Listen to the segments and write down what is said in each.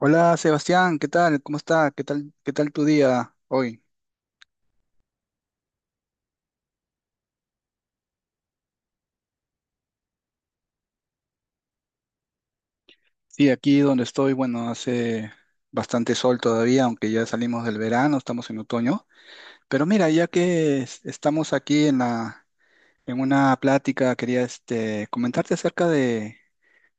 Hola Sebastián, ¿qué tal? ¿Cómo está? ¿Qué tal? ¿Qué tal tu día hoy? Sí, aquí donde estoy, bueno, hace bastante sol todavía, aunque ya salimos del verano, estamos en otoño. Pero mira, ya que estamos aquí en una plática, quería comentarte acerca de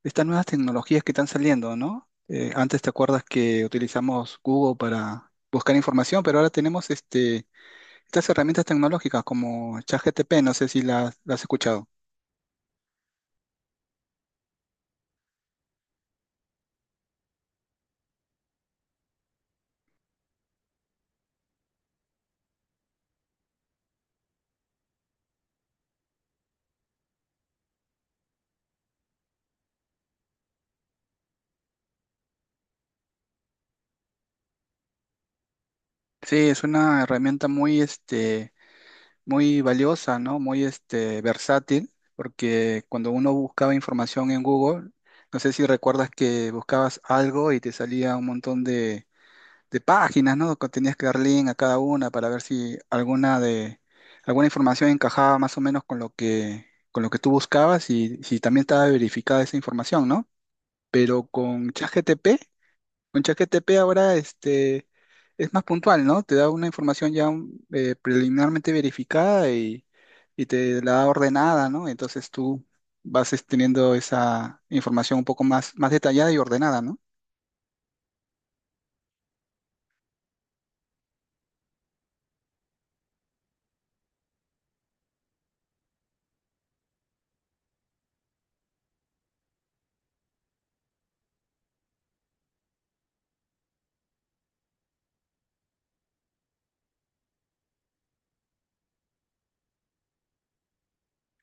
estas nuevas tecnologías que están saliendo, ¿no? Antes te acuerdas que utilizamos Google para buscar información, pero ahora tenemos estas herramientas tecnológicas como ChatGPT, no sé si las has escuchado. Sí, es una herramienta muy valiosa, ¿no? Versátil, porque cuando uno buscaba información en Google, no sé si recuerdas que buscabas algo y te salía un montón de páginas, ¿no? Que tenías que dar link a cada una para ver si alguna información encajaba más o menos con con lo que tú buscabas y si también estaba verificada esa información, ¿no? Pero con ChatGPT ahora es más puntual, ¿no? Te da una información ya preliminarmente verificada y te la da ordenada, ¿no? Entonces tú vas teniendo esa información un poco más detallada y ordenada, ¿no?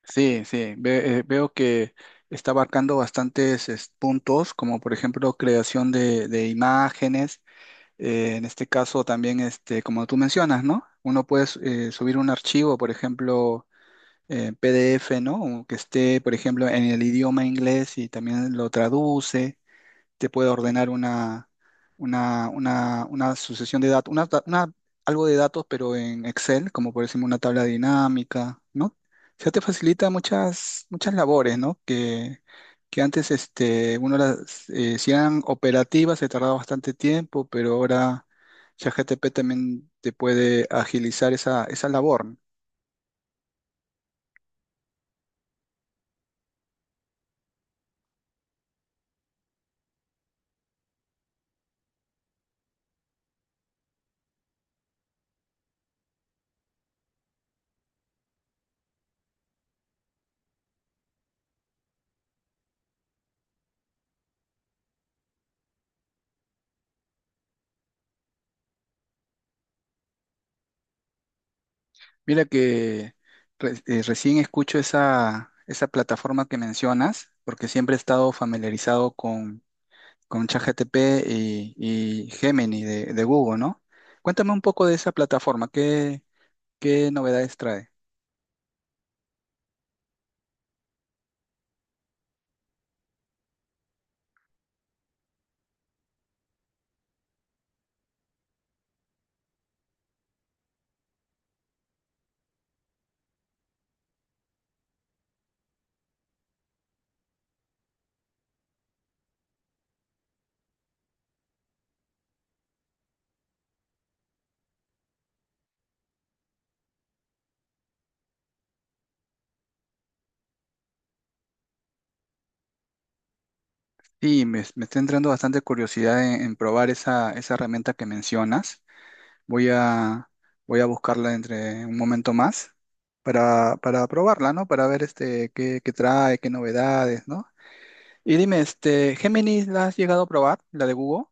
Sí, sí, veo que está abarcando bastantes puntos, como por ejemplo creación de imágenes, en este caso también, como tú mencionas, ¿no? Uno puede subir un archivo, por ejemplo PDF, ¿no? O que esté, por ejemplo, en el idioma inglés y también lo traduce, te puede ordenar una sucesión de datos, algo de datos, pero en Excel, como por ejemplo una tabla dinámica, ¿no? O sea, te facilita muchas labores, ¿no? Que antes uno las si eran operativas, se tardaba bastante tiempo, pero ahora ChatGPT también te puede agilizar esa labor. Mira que recién escucho esa plataforma que mencionas, porque siempre he estado familiarizado con ChatGPT y Gemini de Google, ¿no? Cuéntame un poco de esa plataforma, ¿qué novedades trae? Sí, me está entrando bastante curiosidad en probar esa herramienta que mencionas. Voy a, Voy a buscarla entre un momento más para probarla, ¿no? Para ver este, qué trae, qué novedades, ¿no? Y dime, este, Gemini, ¿la has llegado a probar, la de Google?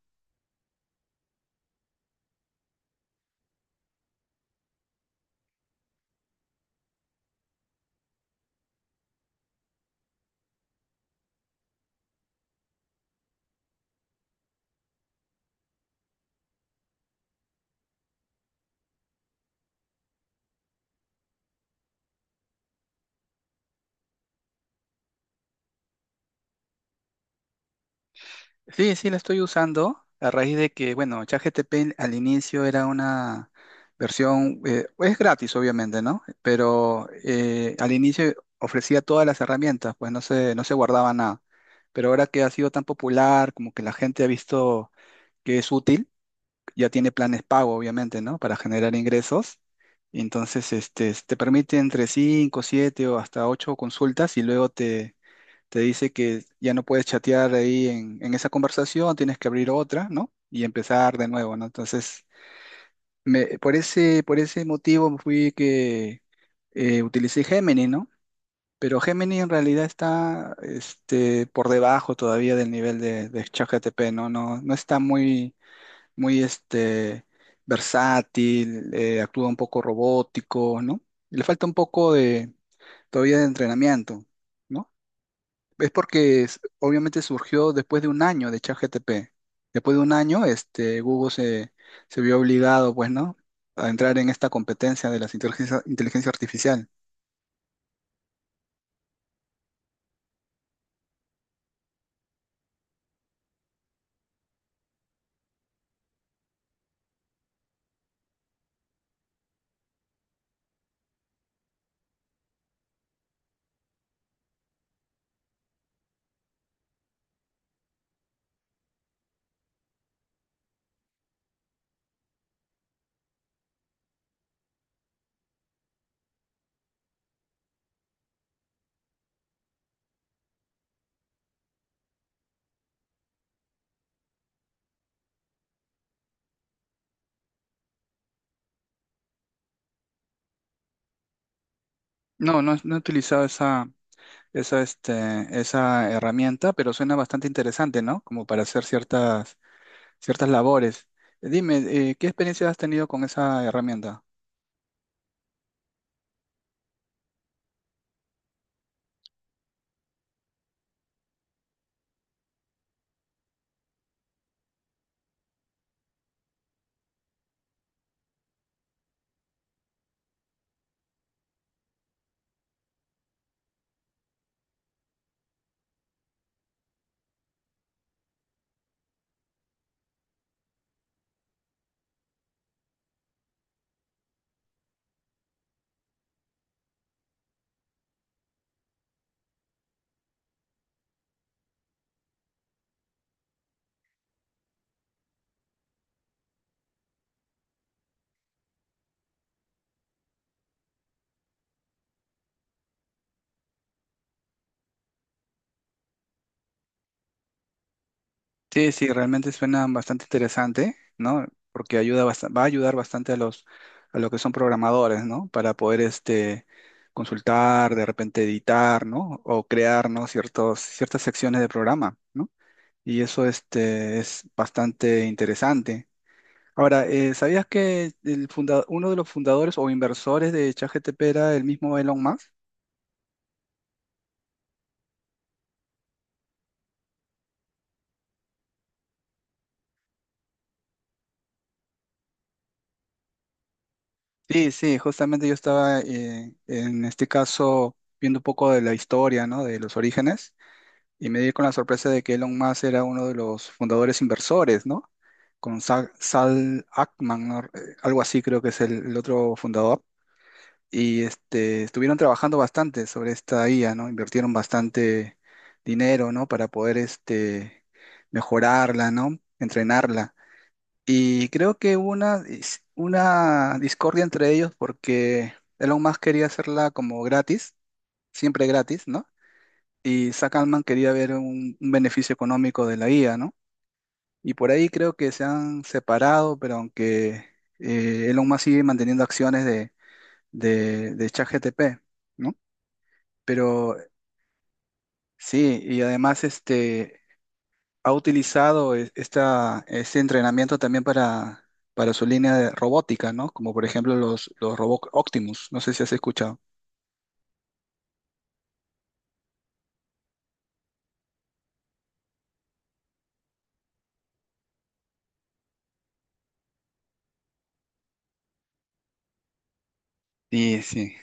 Sí, sí, la estoy usando a raíz de que, bueno, ChatGPT al inicio era una versión, es gratis obviamente, ¿no? Pero al inicio ofrecía todas las herramientas, pues no se guardaba nada. Pero ahora que ha sido tan popular, como que la gente ha visto que es útil, ya tiene planes pago, obviamente, ¿no? Para generar ingresos. Entonces, este, te permite entre 5, 7 o hasta 8 consultas y luego te dice que ya no puedes chatear ahí en esa conversación, tienes que abrir otra, ¿no? Y empezar de nuevo, ¿no? Entonces, por por ese motivo fui que utilicé Gemini, ¿no? Pero Gemini en realidad está por debajo todavía del nivel de ChatGPT, ¿no? No está muy versátil, actúa un poco robótico, ¿no? Le falta un poco todavía de entrenamiento. ¿No? Es porque obviamente surgió después de un año de ChatGPT. Después de un año, Google se vio obligado, pues, ¿no? A entrar en esta competencia de las inteligencia artificial. No, no he utilizado esa herramienta, pero suena bastante interesante, ¿no? Como para hacer ciertas labores. Dime, ¿qué experiencia has tenido con esa herramienta? Sí, sí, realmente suena bastante interesante, ¿no? Porque va a ayudar bastante a a los que son programadores, ¿no? Para poder consultar, de repente editar, ¿no? O crear, ¿no? Ciertas secciones de programa, ¿no? Y eso es bastante interesante. Ahora, ¿sabías que el uno de los fundadores o inversores de ChatGPT era el mismo Elon Musk? Sí, sí, justamente yo estaba en este caso viendo un poco de la historia, ¿no? De los orígenes y me di con la sorpresa de que Elon Musk era uno de los fundadores inversores, ¿no? Con Sal Ackman, ¿no? Algo así creo que es el otro fundador. Y este, estuvieron trabajando bastante sobre esta IA, ¿no? Invirtieron bastante dinero, ¿no? Para poder mejorarla, ¿no? Entrenarla. Y creo que hubo una discordia entre ellos porque Elon Musk quería hacerla como gratis, siempre gratis, ¿no? Y Zack Altman quería ver un beneficio económico de la IA, ¿no? Y por ahí creo que se han separado, pero aunque Elon Musk sigue manteniendo acciones de ChatGPT, ¿no? Pero sí, y además ha utilizado esta, este entrenamiento también para su línea de robótica, ¿no? Como por ejemplo los robots Optimus, no sé si has escuchado. Sí, sí.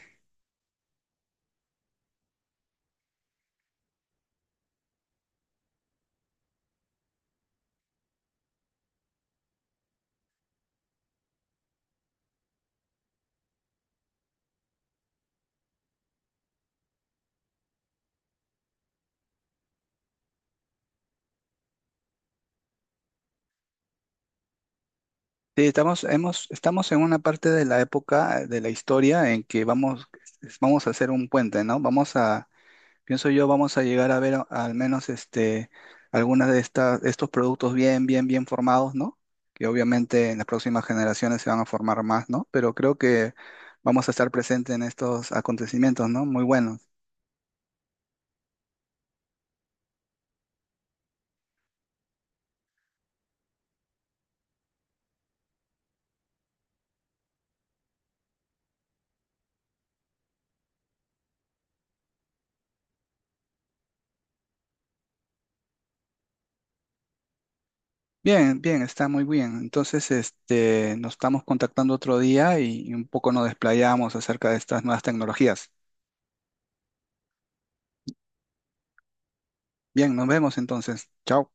Sí, estamos en una parte de la época de la historia en que vamos a hacer un puente, ¿no? Pienso yo, vamos a llegar a ver al menos este, algunas de estas, estos productos bien formados, ¿no? Que obviamente en las próximas generaciones se van a formar más, ¿no? Pero creo que vamos a estar presentes en estos acontecimientos, ¿no? Muy buenos. Bien, está muy bien. Entonces, este, nos estamos contactando otro día y un poco nos desplayamos acerca de estas nuevas tecnologías. Bien, nos vemos entonces. Chao.